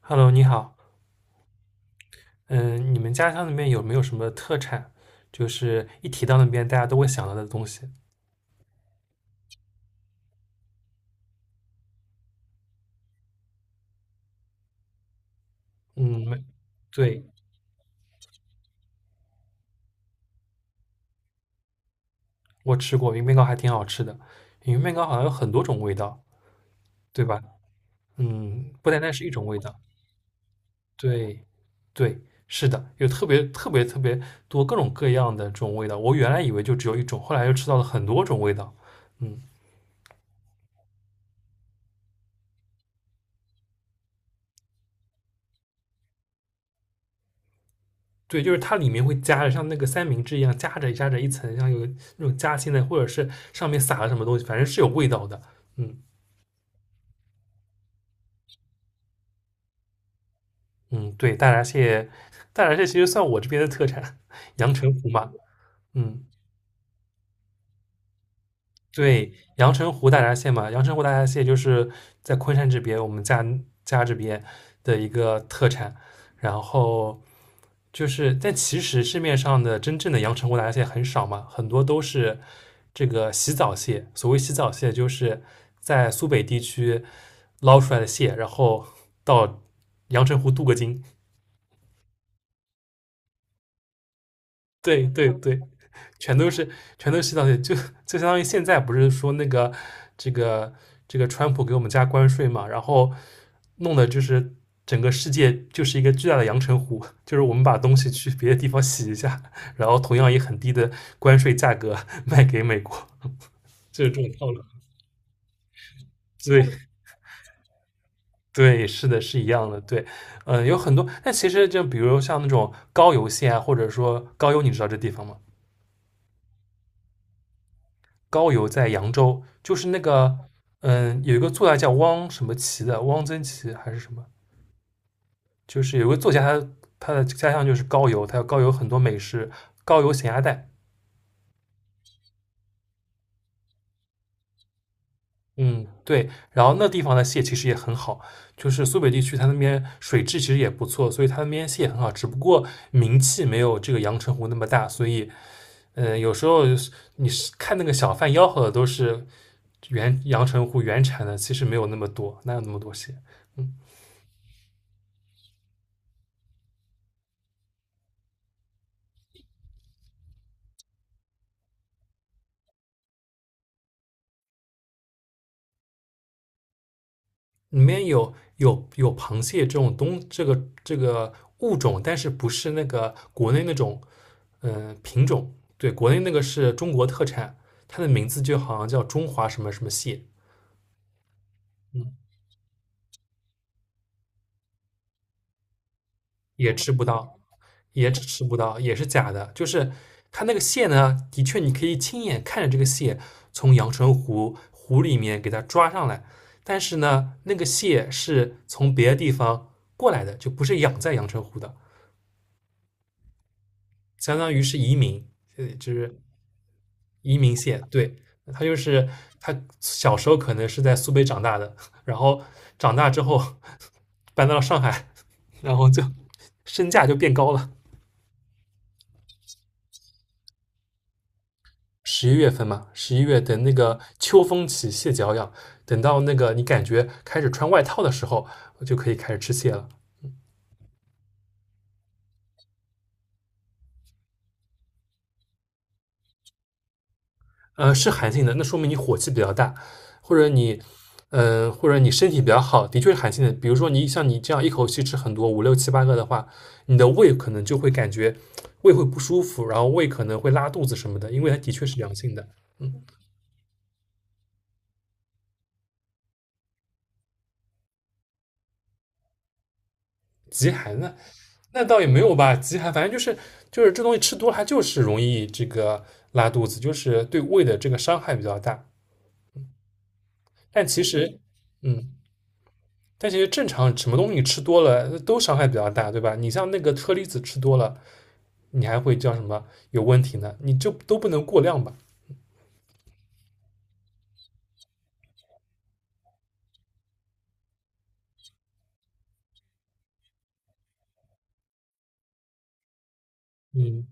Hello，你好，嗯，你们家乡那边有没有什么特产？就是一提到那边，大家都会想到的东西。嗯，没，对，我吃过云面糕，还挺好吃的。云面糕好像有很多种味道，对吧？不单单是一种味道。对，对，是的，有特别多各种各样的这种味道。我原来以为就只有一种，后来又吃到了很多种味道。嗯。对，就是它里面会夹着像那个三明治一样夹着一层，像有那种夹心的，或者是上面撒了什么东西，反正是有味道的。嗯嗯，对，大闸蟹，大闸蟹其实算我这边的特产，阳澄湖嘛。嗯，对，阳澄湖大闸蟹嘛，阳澄湖大闸蟹就是在昆山这边，我们家这边的一个特产。然后就是，但其实市面上的真正的阳澄湖大闸蟹很少嘛，很多都是这个洗澡蟹。所谓洗澡蟹，就是在苏北地区捞出来的蟹，然后到阳澄湖镀个金。对对对，全都是全都是洗澡就相当于现在不是说那个这个这个川普给我们加关税嘛，然后弄的就是整个世界就是一个巨大的阳澄湖，就是我们把东西去别的地方洗一下，然后同样以很低的关税价格 卖给美国，就是这种套路。对对，是的，是一样的。对，嗯，有很多，但其实就比如像那种高邮县啊，或者说高邮，你知道这地方吗？高邮在扬州，就是那个有一个作家叫汪什么琪的，汪曾祺还是什么，就是有一个作家他的家乡就是高邮，他有高邮很多美食，高邮咸鸭蛋，嗯，对，然后那地方的蟹其实也很好，就是苏北地区它那边水质其实也不错，所以它那边蟹也很好，只不过名气没有这个阳澄湖那么大，所以有时候你是看那个小贩吆喝的都是原阳澄湖原产的，其实没有那么多，哪有那么多蟹。嗯，里面有螃蟹这种东这个这个物种，但是不是那个国内那种品种？对，国内那个是中国特产，它的名字就好像叫中华什么什么蟹，嗯，也吃不到，也只吃不到，也是假的。就是它那个蟹呢，的确你可以亲眼看着这个蟹从阳澄湖湖里面给它抓上来，但是呢，那个蟹是从别的地方过来的，就不是养在阳澄湖的。相当于是移民，呃就是移民蟹，对，他就是他小时候可能是在苏北长大的，然后长大之后 搬到了上海，然后就身价就变高了。11月份嘛，十一月等那个秋风起，蟹脚痒，等到那个你感觉开始穿外套的时候，就可以开始吃蟹了。是寒性的，那说明你火气比较大，或者你，或者你身体比较好，的确是寒性的。比如说你像你这样一口气吃很多五六七八个的话，你的胃可能就会感觉胃会不舒服，然后胃可能会拉肚子什么的，因为它的确是凉性的。极寒呢，那倒也没有吧，极寒反正就是这东西吃多了，它就是容易这个拉肚子，就是对胃的这个伤害比较大。但其实，嗯，但其实正常什么东西吃多了都伤害比较大，对吧？你像那个车厘子吃多了，你还会叫什么有问题呢？你就都不能过量吧？嗯，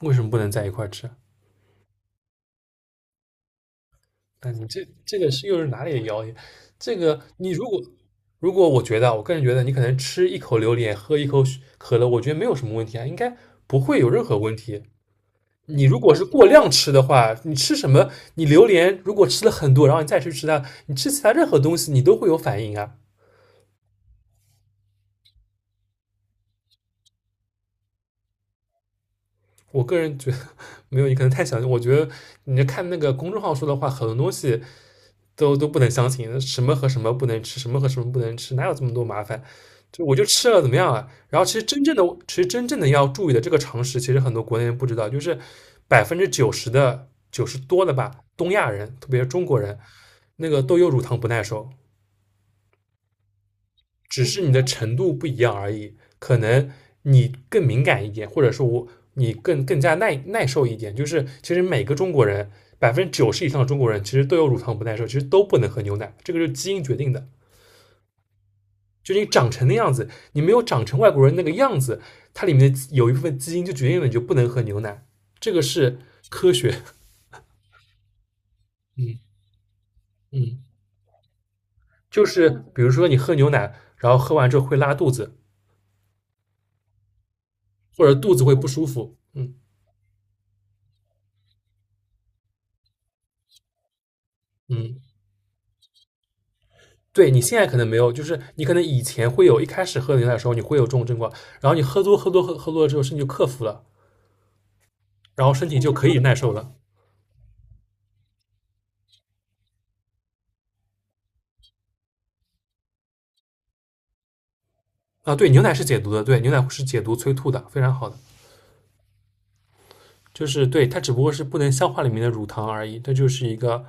为什么不能在一块儿吃？那你这个是又是哪里的谣言？这个你如果我觉得啊我个人觉得你可能吃一口榴莲，喝一口可乐，我觉得没有什么问题啊，应该不会有任何问题。你如果是过量吃的话，你吃什么？你榴莲如果吃了很多，然后你再去吃它，你吃其他任何东西，你都会有反应啊。我个人觉得没有，你可能太相信。我觉得你看那个公众号说的话，很多东西都不能相信，什么和什么不能吃，什么和什么不能吃，哪有这么多麻烦？就我就吃了怎么样啊？然后其实真正的，其实真正的要注意的这个常识，其实很多国内人不知道，就是百分之九十的90多的吧，东亚人，特别是中国人，那个都有乳糖不耐受，只是你的程度不一样而已。可能你更敏感一点，或者说我你更加耐受一点。就是其实每个中国人90%以上的中国人其实都有乳糖不耐受，其实都不能喝牛奶，这个就是基因决定的。就你长成的样子，你没有长成外国人那个样子，它里面的有一部分基因就决定了你就不能喝牛奶。这个是，嗯嗯，就是比如说你喝牛奶，然后喝完之后会拉肚子，或者肚子会不舒服，嗯嗯。对你现在可能没有，就是你可能以前会有，一开始喝牛奶的时候你会有这种症状，然后你喝多了之后，身体就克服了，然后身体就可以耐受了啊。对，牛奶是解毒的，对，牛奶是解毒催吐的，非常好的。就是对，它只不过是不能消化里面的乳糖而已，它就是一个，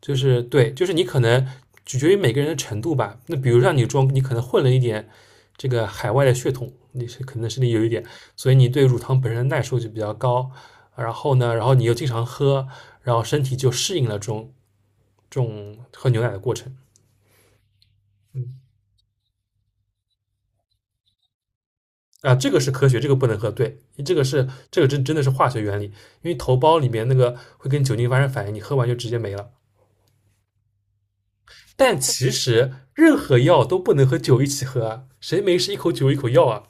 就是对，就是你可能取决于每个人的程度吧。那比如让你装，你可能混了一点这个海外的血统，你是可能身体有一点，所以你对乳糖本身的耐受就比较高。然后呢，然后你又经常喝，然后身体就适应了这种喝牛奶的过程。嗯啊，这个是科学，这个不能喝。对，这个真的是化学原理，因为头孢里面那个会跟酒精发生反应，你喝完就直接没了。但其实任何药都不能和酒一起喝啊，谁没事一口酒一口药啊？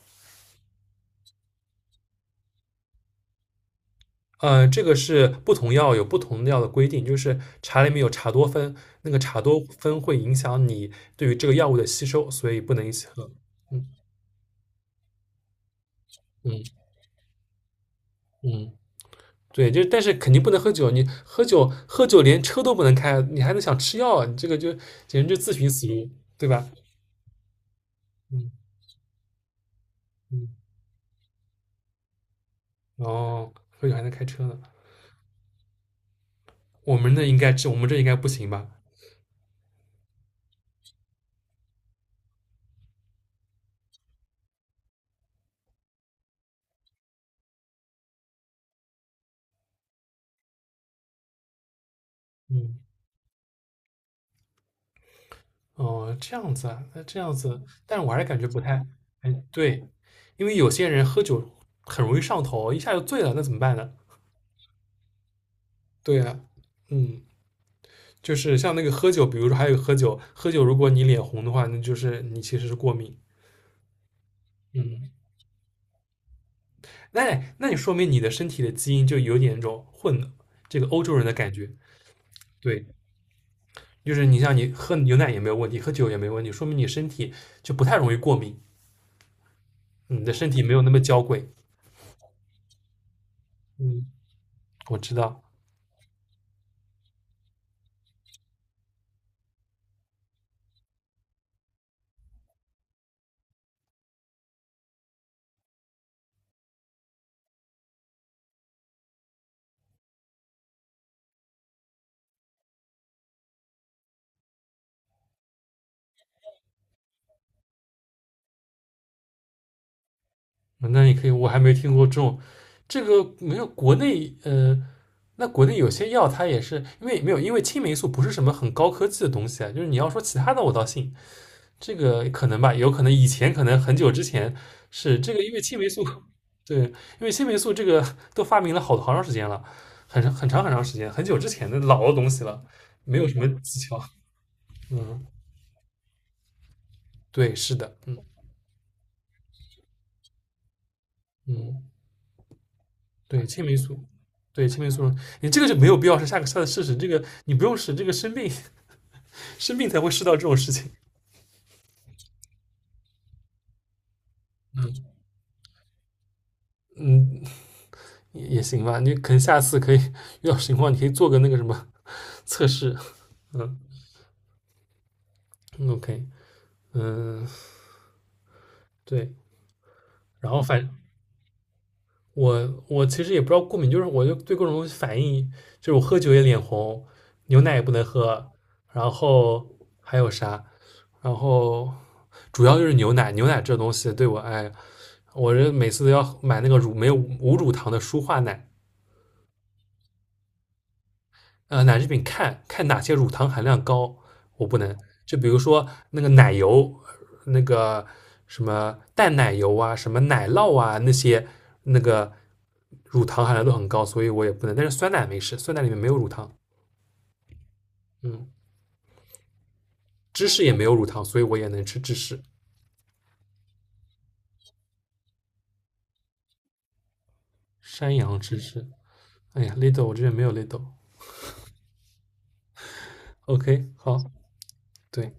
嗯，这个是不同药有不同的药的规定，就是茶里面有茶多酚，那个茶多酚会影响你对于这个药物的吸收，所以不能一起喝。嗯嗯嗯，对，就是但是肯定不能喝酒，你喝酒连车都不能开，你还能想吃药啊？你这个就简直就自寻死路，对吧？嗯嗯，哦，喝酒还能开车呢，我们这应该不行吧？嗯。哦，这样子啊，那这样子，但是我还是感觉不太，哎，对，因为有些人喝酒很容易上头，一下就醉了，那怎么办呢？对啊，嗯，就是像那个喝酒，比如说还有喝酒，喝酒如果你脸红的话，那就是你其实是过敏。嗯，那你说明你的身体的基因就有点那种混这个欧洲人的感觉。对，就是你像你喝牛奶也没有问题，喝酒也没问题，说明你身体就不太容易过敏，你的身体没有那么娇贵。嗯，我知道。那你可以，我还没听过这种，这个没有国内，那国内有些药它也是因为没有，因为青霉素不是什么很高科技的东西啊，就是你要说其他的我倒信，这个可能吧，有可能以前可能很久之前是这个，因为青霉素，对，因为青霉素这个都发明了好长时间了，很长很长很长时间，很久之前的老的东西了，没有什么技巧，嗯，对，是的，嗯嗯。对，青霉素，对青霉素，你这个就没有必要是下次试试，这个你不用试，这个生病 生病才会试到这种事情。嗯嗯，也行吧，你可能下次可以遇到情况，你可以做个那个什么测试。嗯嗯，OK，嗯，对，然后反我其实也不知道过敏，就是我就对各种东西反应，就是我喝酒也脸红，牛奶也不能喝，然后还有啥，然后主要就是牛奶，牛奶这东西对我哎我这每次都要买那个乳没有无乳糖的舒化奶，奶制品看看哪些乳糖含量高，我不能。就比如说那个奶油，那个什么淡奶油啊，什么奶酪啊，那些那个乳糖含量都很高，所以我也不能。但是酸奶没事，酸奶里面没有乳糖，嗯，芝士也没有乳糖，所以我也能吃芝士。山羊芝士，哎呀，Lidl e 我这边没有 Lidl。e OK，好，对，